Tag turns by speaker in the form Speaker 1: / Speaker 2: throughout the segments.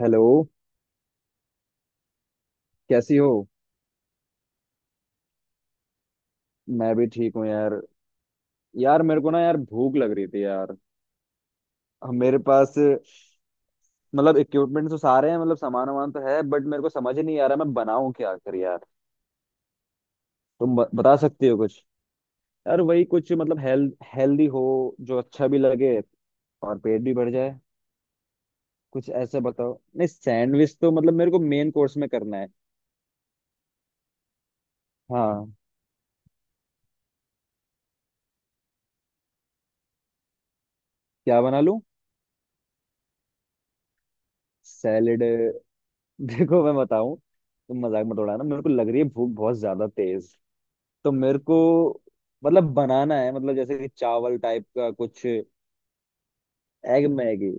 Speaker 1: Hello. कैसी हो? मैं भी ठीक हूँ यार। यार मेरे को ना यार भूख लग रही थी यार। मेरे पास मतलब इक्विपमेंट तो सारे हैं, मतलब सामान वामान तो है बट मेरे को समझ ही नहीं आ रहा मैं बनाऊं क्या आखिर यार। तुम बता सकती हो कुछ? यार वही कुछ मतलब हेल्थ हेल्दी हो, जो अच्छा भी लगे और पेट भी भर जाए। कुछ ऐसे बताओ, नहीं सैंडविच तो मतलब मेरे को मेन कोर्स में करना है। हाँ। क्या बना लूं? सैलेड देखो मैं बताऊं तुम मजाक मत उड़ाना, मेरे को लग रही है भूख बहुत ज्यादा तेज। तो मेरे को मतलब बनाना है मतलब जैसे कि चावल टाइप का कुछ। Egg Maggi.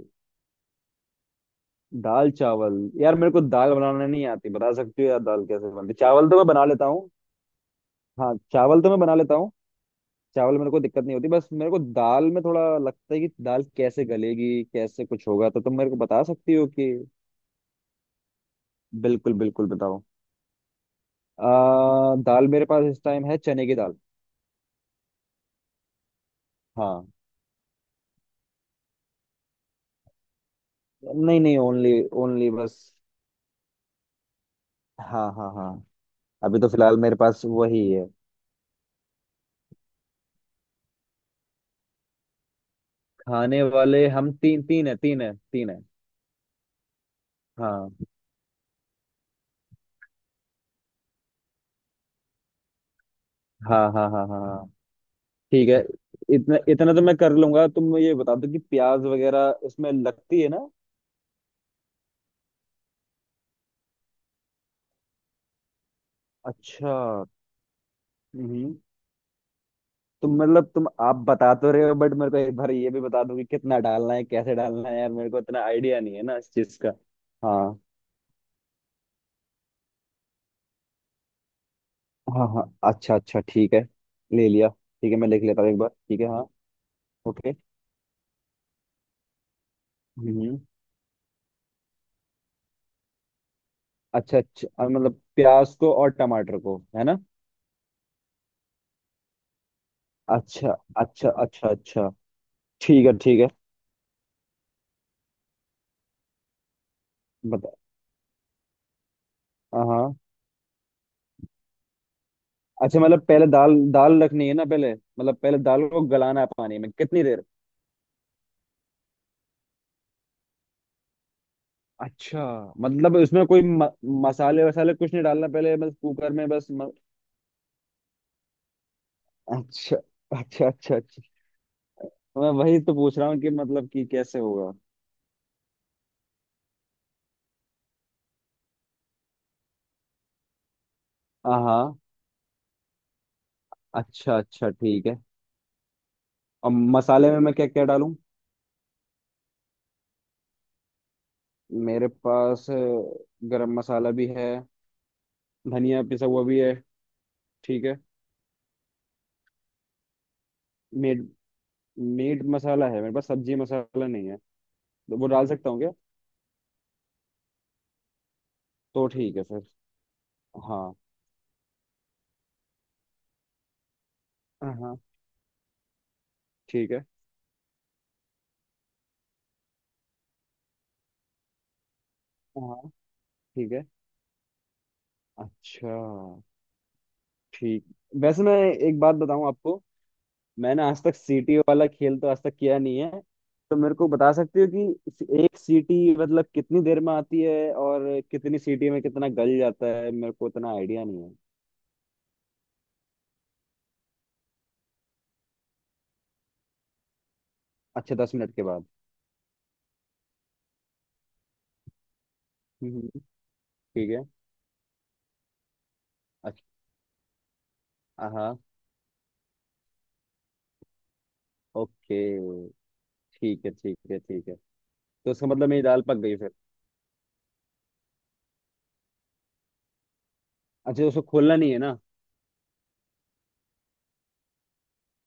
Speaker 1: दाल चावल। यार मेरे को दाल बनाना नहीं आती, बता सकती हो यार दाल कैसे बनती? चावल तो मैं बना लेता हूँ। हाँ, चावल तो मैं बना लेता हूँ। चावल मेरे को दिक्कत नहीं होती, बस मेरे को दाल में थोड़ा लगता है कि दाल कैसे गलेगी, कैसे कुछ होगा, तो तुम मेरे को बता सकती हो कि बिल्कुल बिल्कुल बताओ। दाल मेरे पास इस टाइम है चने की दाल। हाँ। नहीं नहीं, ओनली। ओनली बस। हाँ हाँ हाँ। अभी तो फिलहाल मेरे पास वही है। खाने वाले हम तीन तीन है, तीन है तीन है। हाँ हाँ हाँ हाँ हाँ हाँ। ठीक है। इतना इतना तो मैं कर लूंगा, तुम ये बता दो कि प्याज वगैरह उसमें लगती है ना? अच्छा। हम्म। तो मतलब तुम आप बता तो रहे हो बट मेरे को एक बार ये भी बता दो कि कितना डालना है, कैसे डालना है यार, मेरे को इतना आइडिया नहीं है ना इस चीज का। हाँ हाँ हाँ। अच्छा अच्छा ठीक है। ले लिया ठीक है, मैं लिख लेता हूँ एक बार ठीक है हाँ। ओके। हम्म। अच्छा अच्छा मतलब प्याज को और टमाटर को है ना? अच्छा अच्छा अच्छा। अच्छा ठीक है ठीक है। बता। हाँ। अच्छा मतलब पहले दाल दाल रखनी है ना, पहले मतलब पहले दाल को गलाना है पानी में कितनी देर? अच्छा। मतलब उसमें कोई मसाले वसाले कुछ नहीं डालना पहले, बस कुकर में बस अच्छा अच्छा अच्छा अच्छा। मैं वही तो पूछ रहा हूँ कि मतलब कि कैसे होगा। हाँ हाँ। अच्छा अच्छा ठीक है। और मसाले में मैं क्या क्या डालूं? मेरे पास गरम मसाला भी है। धनिया पिसा हुआ भी है। ठीक है। मीट मसाला है मेरे पास, सब्जी मसाला नहीं है। तो वो डाल सकता हूँ क्या? तो ठीक है फिर। हाँ हाँ। ठीक है। हाँ। ठीक है। अच्छा। ठीक। वैसे मैं एक बात बताऊं आपको? मैंने आज तक सीटी वाला खेल तो आज तक किया नहीं है। तो मेरे को बता सकते हो कि एक सीटी मतलब कितनी देर में आती है, और कितनी सीटी में कितना गल जाता है, मेरे को इतना आइडिया नहीं है। अच्छा, 10 मिनट के बाद। हम्म। ठीक है। अच्छा। हाँ ओके। ठीक है ठीक है ठीक है। तो इसका मतलब मेरी दाल पक गई फिर? अच्छा, तो उसको खोलना नहीं है ना?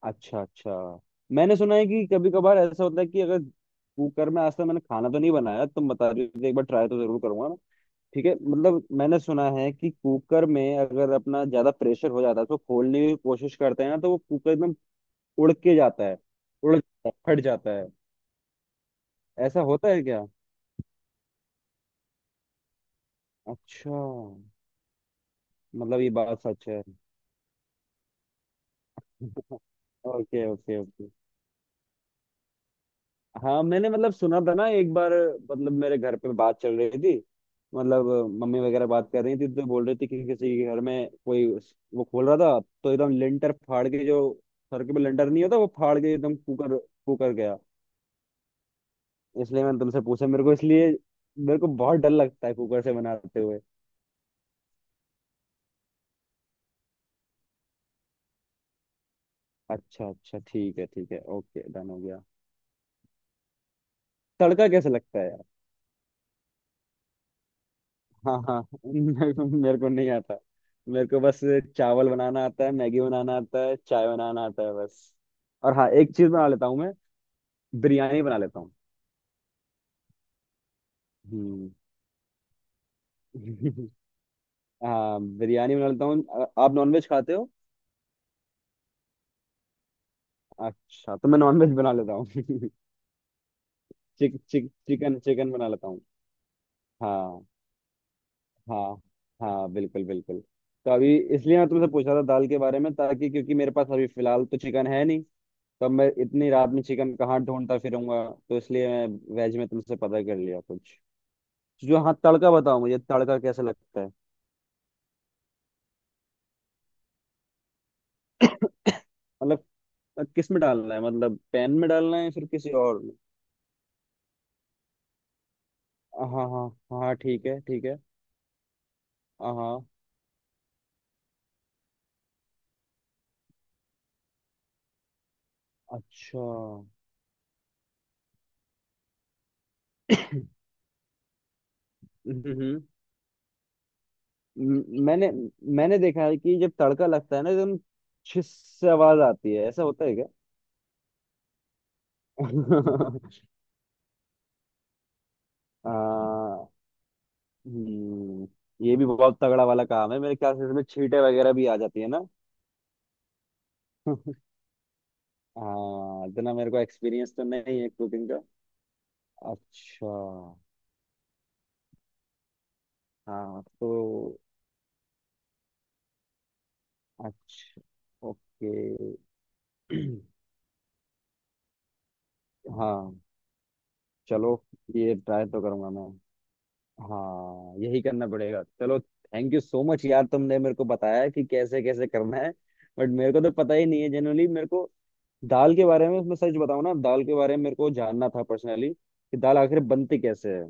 Speaker 1: अच्छा अच्छा। मैंने सुना है कि कभी कभार ऐसा होता है कि अगर कुकर में, आज तक मैंने खाना तो नहीं बनाया, तुम बता रही हो तो एक बार ट्राई तो जरूर करूंगा मैं। ठीक है। मतलब मैंने सुना है कि कुकर में अगर अपना ज्यादा प्रेशर हो जाता है तो खोलने की कोशिश करते हैं ना तो वो कुकर एकदम उड़ के जाता है। उड़ जाता है, फट जाता है। ऐसा होता है क्या? अच्छा, मतलब ये बात सच है। Okay okay okay. हाँ मैंने मतलब सुना था ना एक बार, मतलब मेरे घर पे बात चल रही थी, मतलब मम्मी वगैरह बात कर रही थी तो बोल रही थी कि किसी के घर में कोई वो खोल रहा था तो एकदम लेंटर फाड़ के जो सर के पे लेंटर नहीं होता वो फाड़ के एकदम कुकर, कुकर गया। इसलिए मैंने तुमसे पूछा, मेरे को इसलिए मेरे को बहुत डर लगता है कुकर से बनाते हुए। अच्छा अच्छा ठीक है ठीक है, ओके डन हो गया। तड़का कैसे लगता है? हाँ हाँ मेरे को नहीं आता। मेरे को बस चावल बनाना आता है, मैगी बनाना आता है, चाय बनाना आता है, बस। और हाँ, एक चीज बना लेता हूँ मैं। बिरयानी बना लेता हूँ। हम्म हाँ बिरयानी बना लेता हूँ। आप नॉनवेज खाते हो? अच्छा तो मैं नॉनवेज बना लेता हूँ चिक चिक चिकन चिकन बना लेता हूँ। हाँ हाँ हाँ, बिल्कुल बिल्कुल। तो अभी इसलिए मैं तुमसे पूछा था दाल के बारे में, ताकि क्योंकि मेरे पास अभी फिलहाल तो चिकन है नहीं। तब मैं इतनी रात में चिकन कहाँ ढूंढता फिरूंगा। तो इसलिए मैं वेज में तुमसे पता कर लिया कुछ जो। हाँ तड़का बताओ मुझे, तड़का कैसा लगता है? मतलब किस में डालना है, मतलब पैन में डालना है या फिर किसी और में? हाँ हाँ हाँ हाँ, ठीक है ठीक है। हाँ। अच्छा। हम्म। हम्म। म- मैंने मैंने देखा है कि जब तड़का लगता है ना एकदम छिस से आवाज आती है, ऐसा होता है क्या? आ। हम्म। ये भी बहुत तगड़ा वाला काम है मेरे ख्याल से, इसमें छींटे वगैरह भी आ जाती है। हाँ इतना मेरे को एक्सपीरियंस तो नहीं है कुकिंग का। अच्छा। हाँ तो। अच्छा। ओके। हाँ चलो ये ट्राई तो करूंगा मैं। हाँ यही करना पड़ेगा। चलो थैंक यू सो मच यार, तुमने मेरे को बताया कि कैसे कैसे करना है। बट मेरे को तो पता ही नहीं है जनरली मेरे को दाल के बारे में। मैं सच बताऊं ना, दाल के बारे में मेरे को जानना था पर्सनली कि दाल आखिर बनती कैसे है।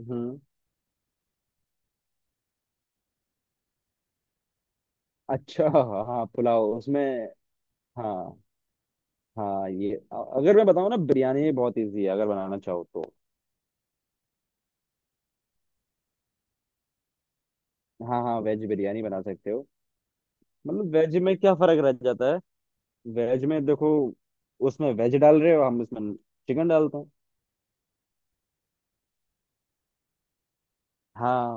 Speaker 1: हम्म। अच्छा हाँ हाँ, पुलाव उसमें। हाँ हाँ ये अगर मैं बताऊँ ना, बिरयानी बहुत इजी है अगर बनाना चाहो तो। हाँ हाँ, वेज बिरयानी बना सकते हो। मतलब वेज में क्या फर्क रह जाता है? वेज में देखो, उसमें वेज डाल रहे हो, हम उसमें चिकन डालते हैं। हाँ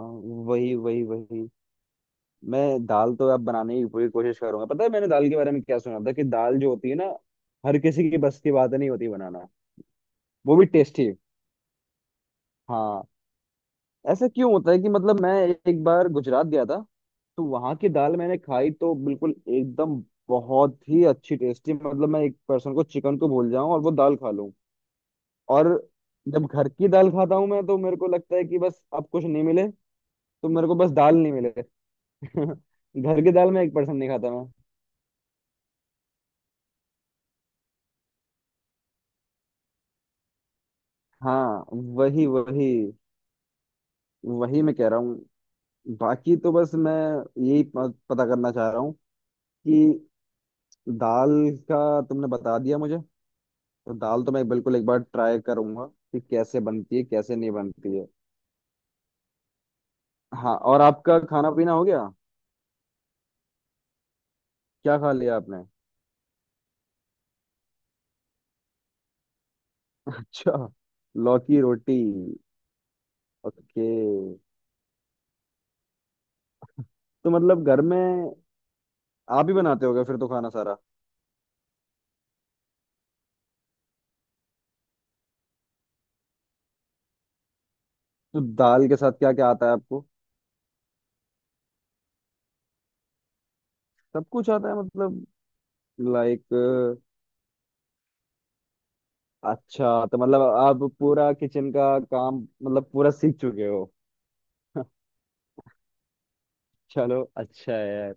Speaker 1: वही वही वही। मैं दाल तो अब बनाने की पूरी कोशिश करूंगा। पता है मैंने दाल के बारे में क्या सुना था, कि दाल जो होती है ना, हर किसी की बस की बात नहीं होती बनाना। वो भी टेस्टी। हाँ, ऐसा क्यों होता है कि मतलब मैं एक बार गुजरात गया था, तो वहां की दाल मैंने खाई तो बिल्कुल एकदम बहुत ही अच्छी टेस्टी, मतलब मैं एक पर्सन को चिकन को भूल जाऊं और वो दाल खा लूं। और जब घर की दाल खाता हूं मैं, तो मेरे को लगता है कि बस अब कुछ नहीं मिले तो मेरे को बस दाल नहीं मिले घर की दाल में एक पर्सन नहीं खाता मैं। हाँ वही वही वही, मैं कह रहा हूँ। बाकी तो बस मैं यही पता करना चाह रहा हूँ कि दाल का तुमने बता दिया मुझे, तो दाल तो मैं बिल्कुल एक बार ट्राई करूंगा कि कैसे बनती है, कैसे नहीं बनती है। हाँ और आपका खाना पीना हो गया? क्या खा लिया आपने? अच्छा, लौकी रोटी। ओके, तो मतलब घर में आप ही बनाते होगे फिर तो खाना सारा? तो दाल के साथ क्या क्या आता है आपको? सब कुछ आता है मतलब? लाइक? अच्छा तो मतलब आप पूरा किचन का काम मतलब पूरा सीख चुके हो। चलो अच्छा है यार।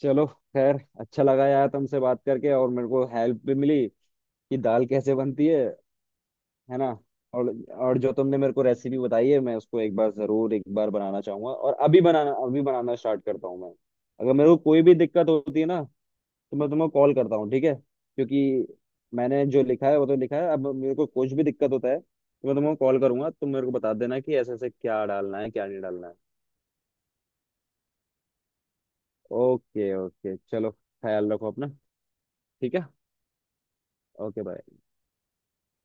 Speaker 1: चलो खैर। अच्छा लगा यार तुमसे बात करके, और मेरे को हेल्प भी मिली कि दाल कैसे बनती है ना? और और जो तुमने मेरे को रेसिपी बताई है मैं उसको एक बार जरूर, एक बार बनाना चाहूंगा, और अभी बनाना, अभी बनाना स्टार्ट करता हूँ मैं। अगर मेरे को कोई भी दिक्कत होती है ना तो मैं तुम्हें कॉल करता हूँ, ठीक है? क्योंकि मैंने जो लिखा है वो तो लिखा है, अब मेरे को कुछ भी दिक्कत होता है तो मैं तुम्हें कॉल करूंगा, तुम मेरे को बता देना कि ऐसे ऐसे क्या डालना है क्या नहीं डालना है। ओके ओके चलो, ख्याल रखो अपना। ठीक है। Okay bye.